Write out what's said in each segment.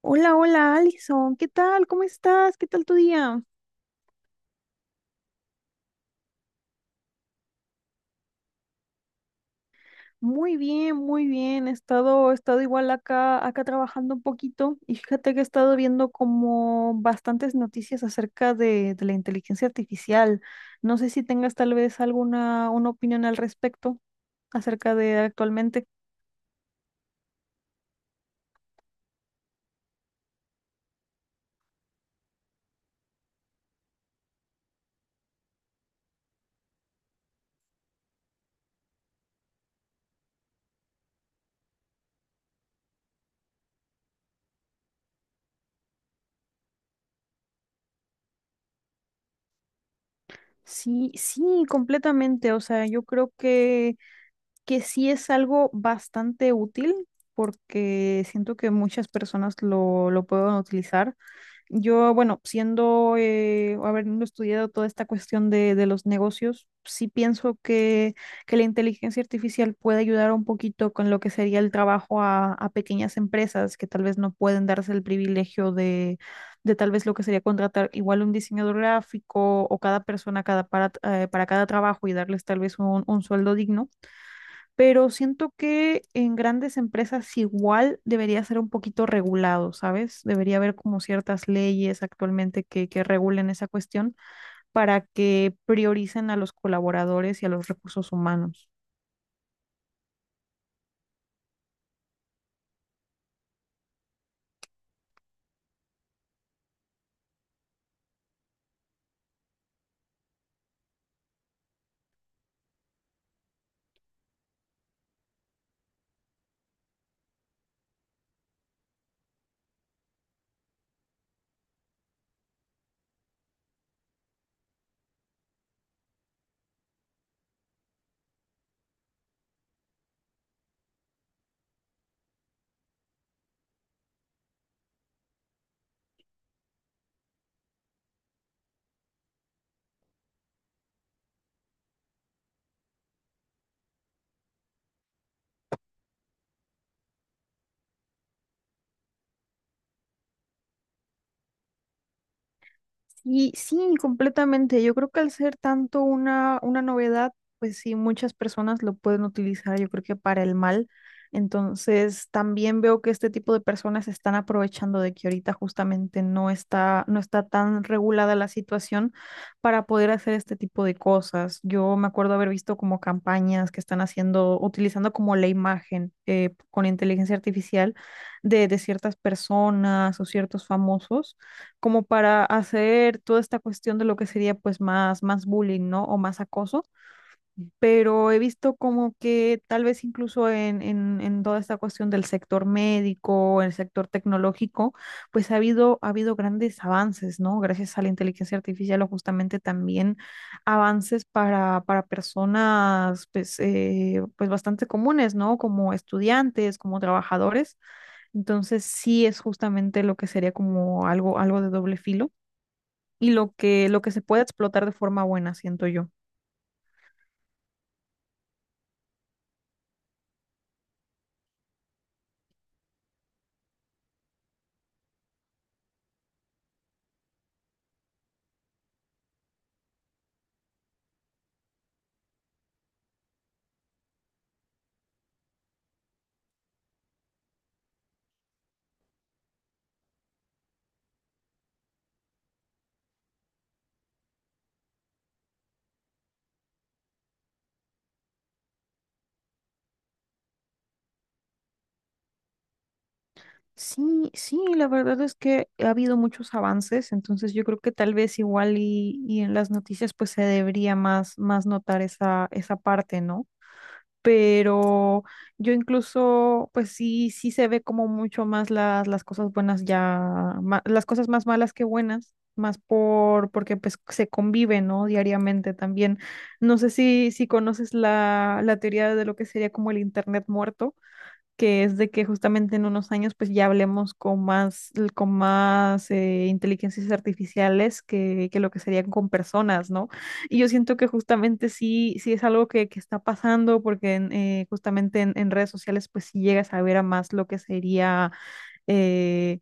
Hola, hola, Alison, ¿qué tal? ¿Cómo estás? ¿Qué tal tu día? Muy bien, muy bien. He estado igual acá trabajando un poquito y fíjate que he estado viendo como bastantes noticias acerca de la inteligencia artificial. No sé si tengas tal vez alguna una opinión al respecto acerca de actualmente. Sí, sí, completamente. O sea, yo creo que sí es algo bastante útil porque siento que muchas personas lo pueden utilizar. Yo, bueno, siendo, habiendo estudiado toda esta cuestión de los negocios, sí pienso que la inteligencia artificial puede ayudar un poquito con lo que sería el trabajo a pequeñas empresas que tal vez no pueden darse el privilegio de tal vez lo que sería contratar igual un diseñador gráfico o cada persona cada para cada trabajo y darles tal vez un sueldo digno, pero siento que en grandes empresas igual debería ser un poquito regulado, ¿sabes? Debería haber como ciertas leyes actualmente que regulen esa cuestión para que prioricen a los colaboradores y a los recursos humanos. Sí, sí, completamente. Yo creo que al ser tanto una novedad, pues sí, muchas personas lo pueden utilizar, yo creo que para el mal. Entonces, también veo que este tipo de personas se están aprovechando de que ahorita justamente no está tan regulada la situación para poder hacer este tipo de cosas. Yo me acuerdo haber visto como campañas que están haciendo, utilizando como la imagen con inteligencia artificial de ciertas personas o ciertos famosos como para hacer toda esta cuestión de lo que sería pues más, más bullying, ¿no? O más acoso, pero he visto como que tal vez incluso en toda esta cuestión del sector médico, el sector tecnológico, pues ha habido grandes avances, ¿no? Gracias a la inteligencia artificial o justamente también avances para personas pues, pues bastante comunes, ¿no? Como estudiantes, como trabajadores. Entonces sí es justamente lo que sería como algo, algo de doble filo y lo que se puede explotar de forma buena, siento yo. Sí, sí, la verdad es que ha habido muchos avances, entonces yo creo que tal vez igual y en las noticias pues se debería más, más notar esa, esa parte, ¿no? Pero yo incluso, pues sí, sí se ve como mucho más las cosas buenas ya, las cosas más malas que buenas, más por, porque pues se convive, ¿no? Diariamente también. No sé si conoces la teoría de lo que sería como el internet muerto, que es de que justamente en unos años pues ya hablemos con más inteligencias artificiales que lo que serían con personas, ¿no? Y yo siento que justamente sí, sí es algo que está pasando porque en, justamente en redes sociales pues sí llegas a ver a más eh,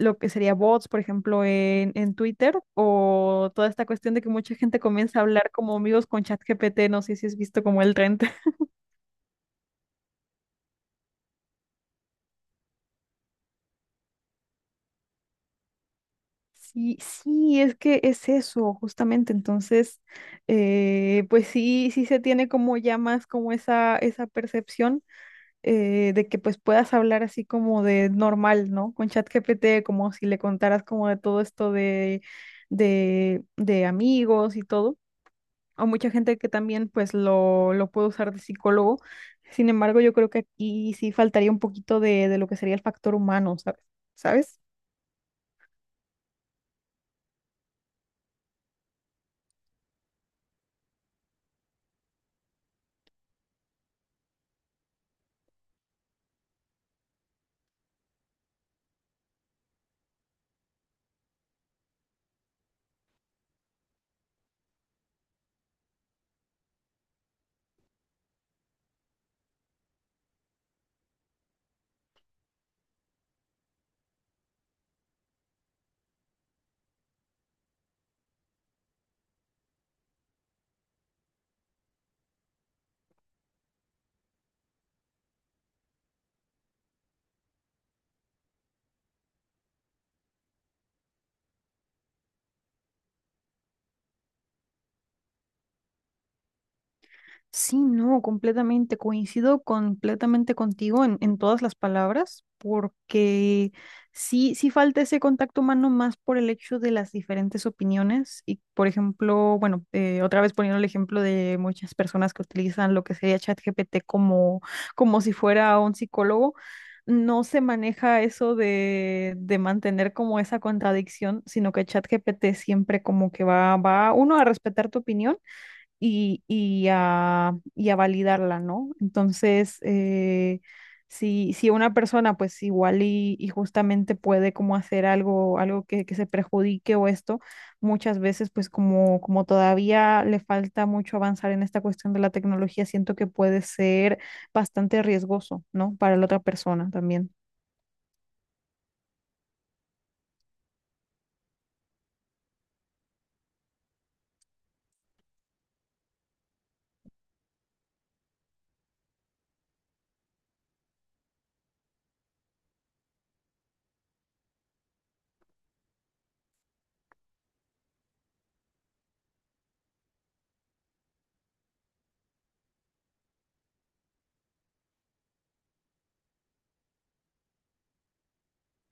lo que sería bots, por ejemplo, en Twitter, o toda esta cuestión de que mucha gente comienza a hablar como amigos con ChatGPT, no sé si has visto como el trend. Sí, sí, es que es eso, justamente. Entonces, pues sí, sí se tiene como ya más como esa percepción, de que pues puedas hablar así como de normal, ¿no? Con ChatGPT, como si le contaras como de todo esto de, de amigos y todo. O mucha gente que también pues lo puede usar de psicólogo. Sin embargo, yo creo que aquí sí faltaría un poquito de lo que sería el factor humano, ¿sabes? ¿Sabes? Sí, no, completamente. Coincido completamente contigo en todas las palabras, porque sí, sí falta ese contacto humano más por el hecho de las diferentes opiniones. Y, por ejemplo, bueno, otra vez poniendo el ejemplo de muchas personas que utilizan lo que sería ChatGPT como, como si fuera un psicólogo, no se maneja eso de mantener como esa contradicción, sino que ChatGPT siempre como que va, va, uno, a respetar tu opinión y a validarla, ¿no? Entonces, si, si una persona pues igual y justamente puede como hacer algo, algo que se perjudique o esto, muchas veces pues como, como todavía le falta mucho avanzar en esta cuestión de la tecnología, siento que puede ser bastante riesgoso, ¿no? Para la otra persona también.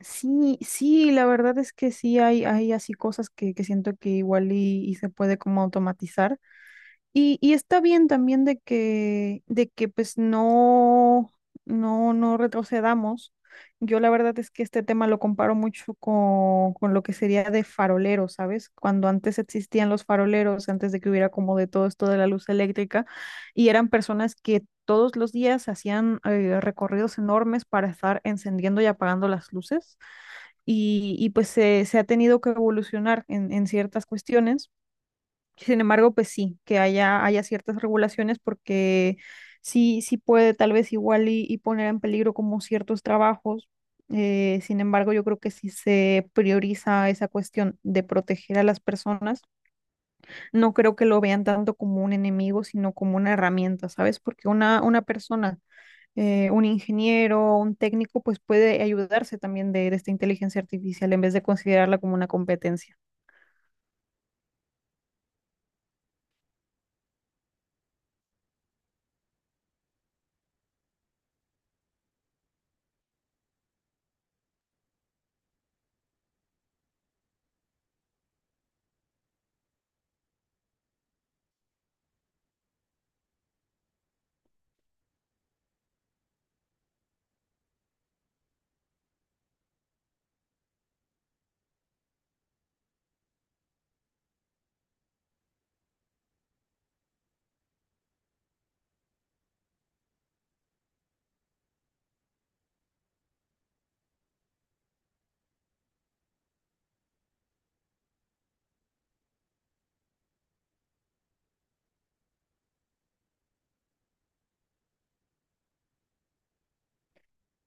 Sí, sí, la verdad es que sí hay así cosas que siento que igual y se puede como automatizar. Y está bien también de que pues no retrocedamos. Yo la verdad es que este tema lo comparo mucho con lo que sería de faroleros, ¿sabes? Cuando antes existían los faroleros, antes de que hubiera como de todo esto de la luz eléctrica, y eran personas que todos los días hacían, recorridos enormes para estar encendiendo y apagando las luces, y pues se ha tenido que evolucionar en ciertas cuestiones. Sin embargo, pues sí, que haya, haya ciertas regulaciones porque sí, sí puede tal vez igual y poner en peligro como ciertos trabajos. Sin embargo, yo creo que si se prioriza esa cuestión de proteger a las personas, no creo que lo vean tanto como un enemigo, sino como una herramienta, ¿sabes? Porque una persona, un ingeniero, un técnico, pues puede ayudarse también de esta inteligencia artificial en vez de considerarla como una competencia.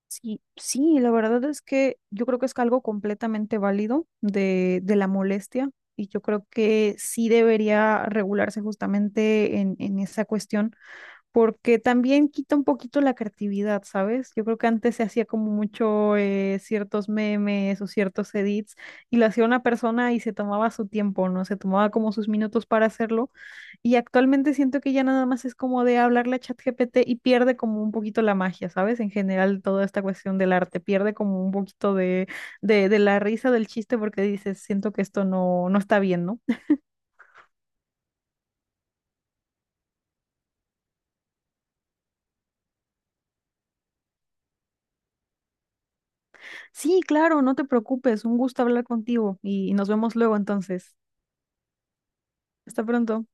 Sí, sí, la verdad es que yo creo que es algo completamente válido de la molestia, y yo creo que sí debería regularse justamente en esa cuestión porque también quita un poquito la creatividad, ¿sabes? Yo creo que antes se hacía como mucho, ciertos memes o ciertos edits y lo hacía una persona y se tomaba su tiempo, ¿no? Se tomaba como sus minutos para hacerlo y actualmente siento que ya nada más es como de hablarle a ChatGPT y pierde como un poquito la magia, ¿sabes? En general toda esta cuestión del arte pierde como un poquito de, de la risa del chiste porque dices, siento que esto no, no está bien, ¿no? Sí, claro, no te preocupes, un gusto hablar contigo y nos vemos luego entonces. Hasta pronto.